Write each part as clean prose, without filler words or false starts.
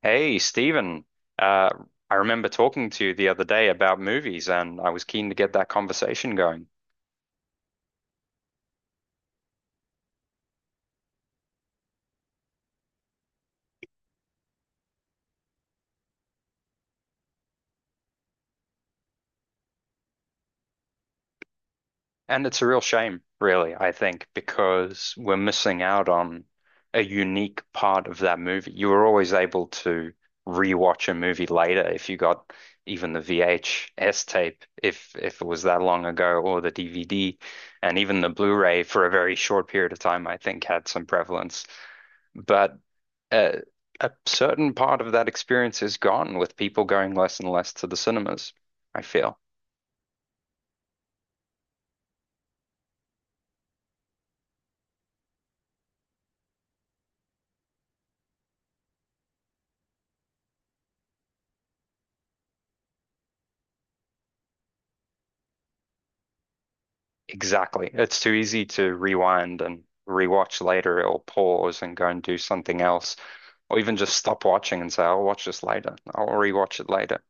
Hey, Stephen, uh, I remember talking to you the other day about movies, and I was keen to get that conversation going. And it's a real shame, really, I think, because we're missing out on a unique part of that movie. You were always able to rewatch a movie later if you got even the VHS tape, if it was that long ago, or the DVD, and even the Blu-ray for a very short period of time, I think, had some prevalence. But uh, a certain part of that experience is gone with people going less and less to the cinemas, I feel. Exactly. It's too easy to rewind and rewatch later or pause and go and do something else, or even just stop watching and say, I'll watch this later. I'll rewatch it later.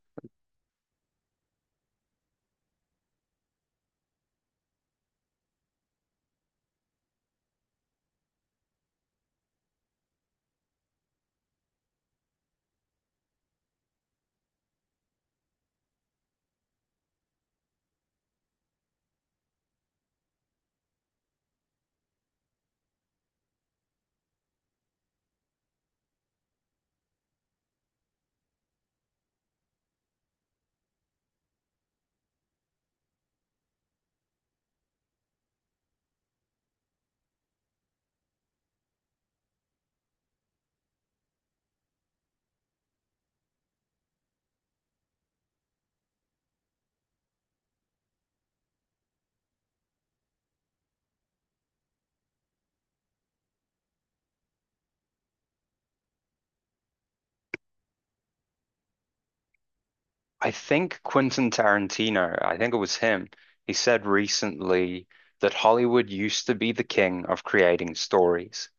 I think Quentin Tarantino, I think it was him, he said recently that Hollywood used to be the king of creating stories,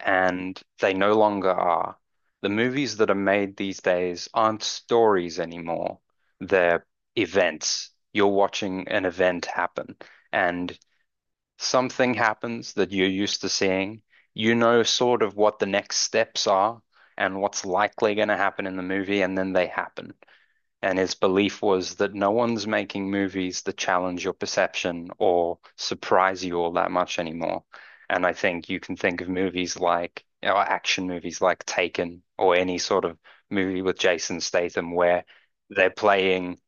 and they no longer are. The movies that are made these days aren't stories anymore. They're events. You're watching an event happen, and something happens that you're used to seeing. You know sort of what the next steps are and what's likely going to happen in the movie, and then they happen. And his belief was that no one's making movies that challenge your perception or surprise you all that much anymore. And I think you can think of movies like, or action movies like Taken or any sort of movie with Jason Statham where they're playing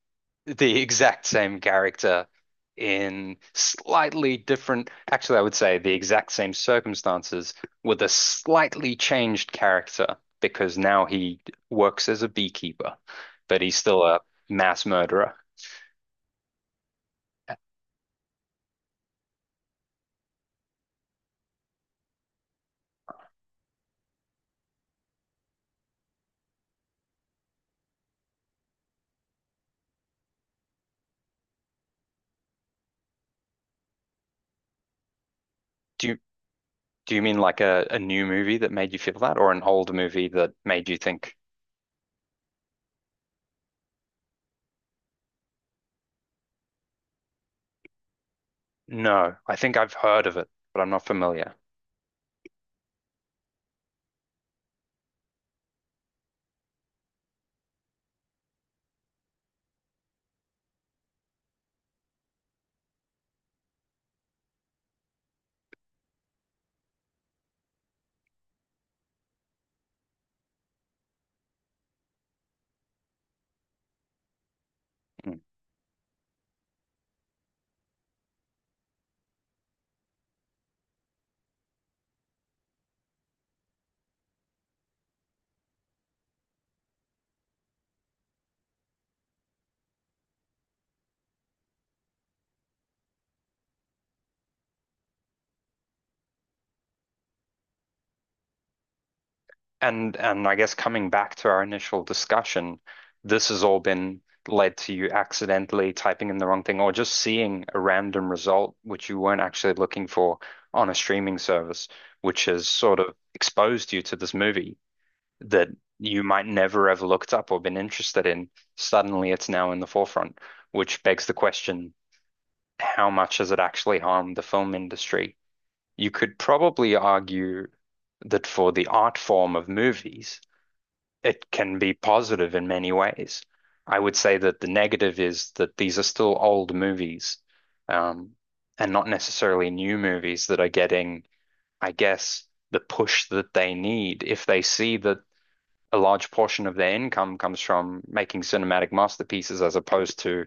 the exact same character in slightly different, actually, I would say the exact same circumstances with a slightly changed character because now he works as a beekeeper, but he's still a mass murderer. Do you, do you mean like a new movie that made you feel that, or an old movie that made you think, no, I think I've heard of it, but I'm not familiar? Hmm. And I guess coming back to our initial discussion, this has all been led to you accidentally typing in the wrong thing or just seeing a random result which you weren't actually looking for on a streaming service, which has sort of exposed you to this movie that you might never have looked up or been interested in. Suddenly it's now in the forefront, which begs the question, how much has it actually harmed the film industry? You could probably argue that for the art form of movies, it can be positive in many ways. I would say that the negative is that these are still old movies, um, and not necessarily new movies that are getting, I guess, the push that they need. If they see that a large portion of their income comes from making cinematic masterpieces as opposed to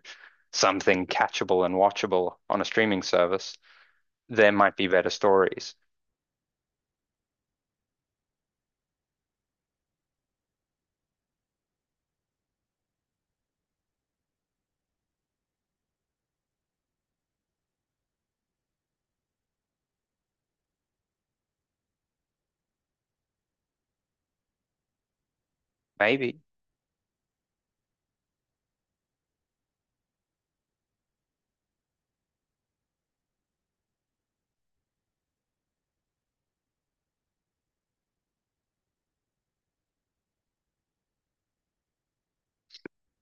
something catchable and watchable on a streaming service, there might be better stories. Maybe.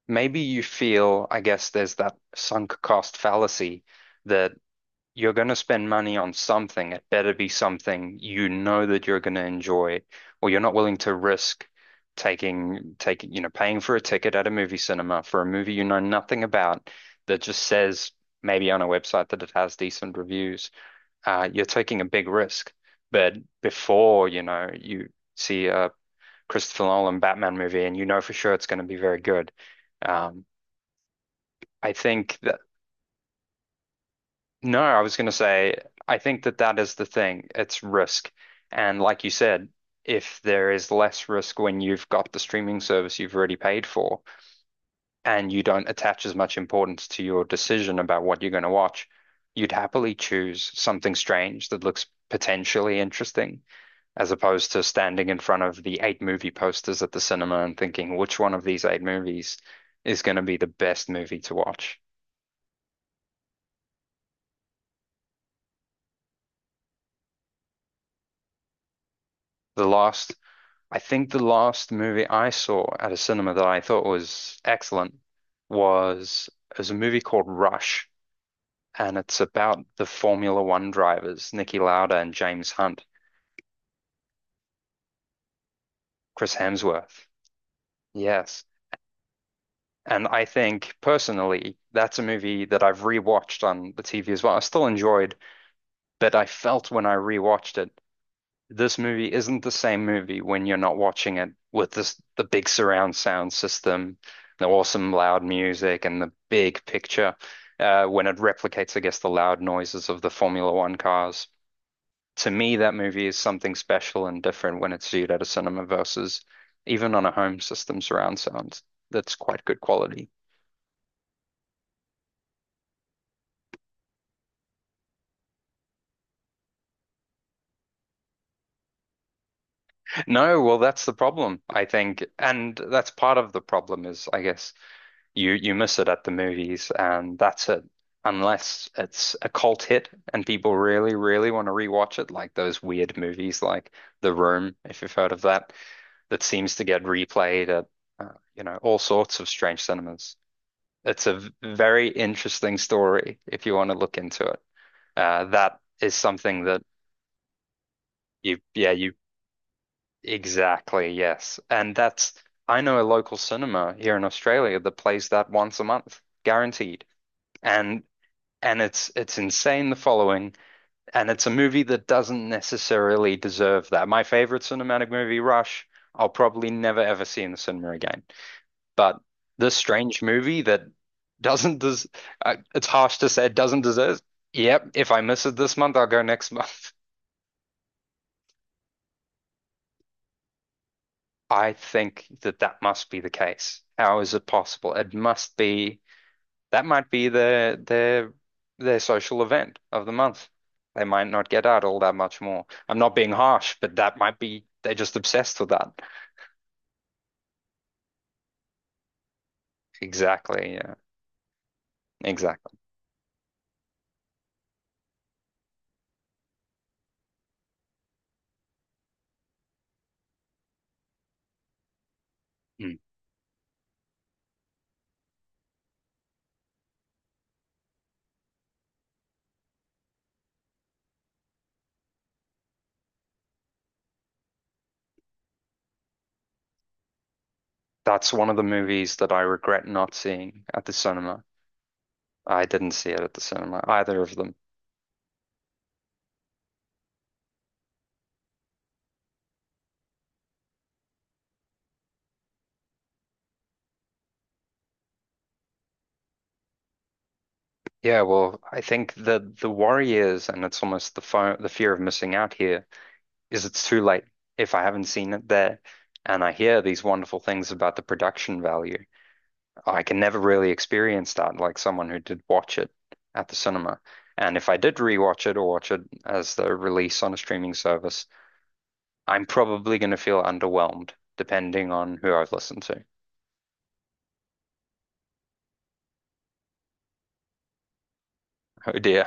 Maybe you feel, I guess, there's that sunk cost fallacy that you're going to spend money on something. It better be something you know that you're going to enjoy, or you're not willing to risk taking you know paying for a ticket at a movie cinema for a movie you know nothing about that just says maybe on a website that it has decent reviews. You're taking a big risk. But before you know you see a Christopher Nolan Batman movie and you know for sure it's going to be very good. Um, I think th No, I was going to say, I think that that is the thing. It's risk. And like you said, if there is less risk when you've got the streaming service you've already paid for and you don't attach as much importance to your decision about what you're going to watch, you'd happily choose something strange that looks potentially interesting as opposed to standing in front of the eight movie posters at the cinema and thinking which one of these eight movies is going to be the best movie to watch. The last I think the last movie I saw at a cinema that I thought was excellent was is a movie called Rush, and it's about the Formula One drivers, Niki Lauda and James Hunt, Chris Hemsworth. Yes. And I think personally, that's a movie that I've rewatched on the TV as well. I still enjoyed, but I felt when I rewatched it this movie isn't the same movie when you're not watching it with this the big surround sound system, the awesome loud music, and the big picture. When it replicates, I guess, the loud noises of the Formula One cars. To me, that movie is something special and different when it's viewed at a cinema versus even on a home system surround sound. That's quite good quality. No, well, that's the problem, I think. And that's part of the problem is, I guess, you miss it at the movies, and that's it. Unless it's a cult hit and people really, really want to rewatch it, like those weird movies like The Room, if you've heard of that, that seems to get replayed at you know all sorts of strange cinemas. It's a very interesting story if you want to look into it. That is something that you, yeah, you exactly, yes, and that's I know a local cinema here in Australia that plays that once a month, guaranteed. And and it's insane the following and it's a movie that doesn't necessarily deserve that. My favorite cinematic movie Rush I'll probably never ever see in the cinema again, but this strange movie that doesn't des it's harsh to say it doesn't deserve. Yep, if I miss it this month, I'll go next month. I think that that must be the case. How is it possible? It must be. That might be their social event of the month. They might not get out all that much more. I'm not being harsh, but that might be they're just obsessed with that. Exactly, yeah. Exactly. Mm. That's one of the movies that I regret not seeing at the cinema. I didn't see it at the cinema, either of them. Yeah, well, I think the worry is, and it's almost the fo the fear of missing out here, is it's too late if I haven't seen it there, and I hear these wonderful things about the production value. I can never really experience that like someone who did watch it at the cinema. And if I did rewatch it or watch it as the release on a streaming service, I'm probably going to feel underwhelmed depending on who I've listened to. Oh dear.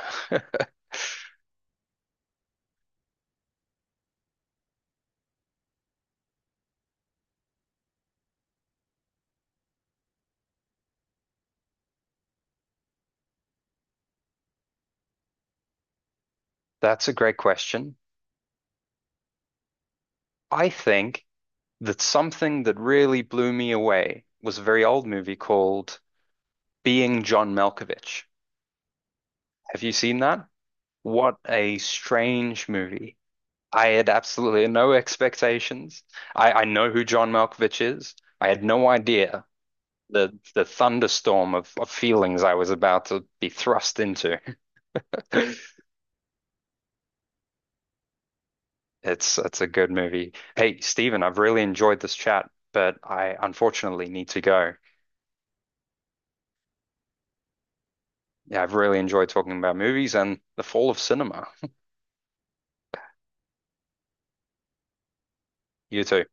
That's a great question. I think that something that really blew me away was a very old movie called Being John Malkovich. Have you seen that? What a strange movie. I had absolutely no expectations. I know who John Malkovich is. I had no idea the thunderstorm of feelings I was about to be thrust into. It's a good movie. Hey, Stephen, I've really enjoyed this chat, but I unfortunately need to go. Yeah, I've really enjoyed talking about movies and the fall of cinema. You too.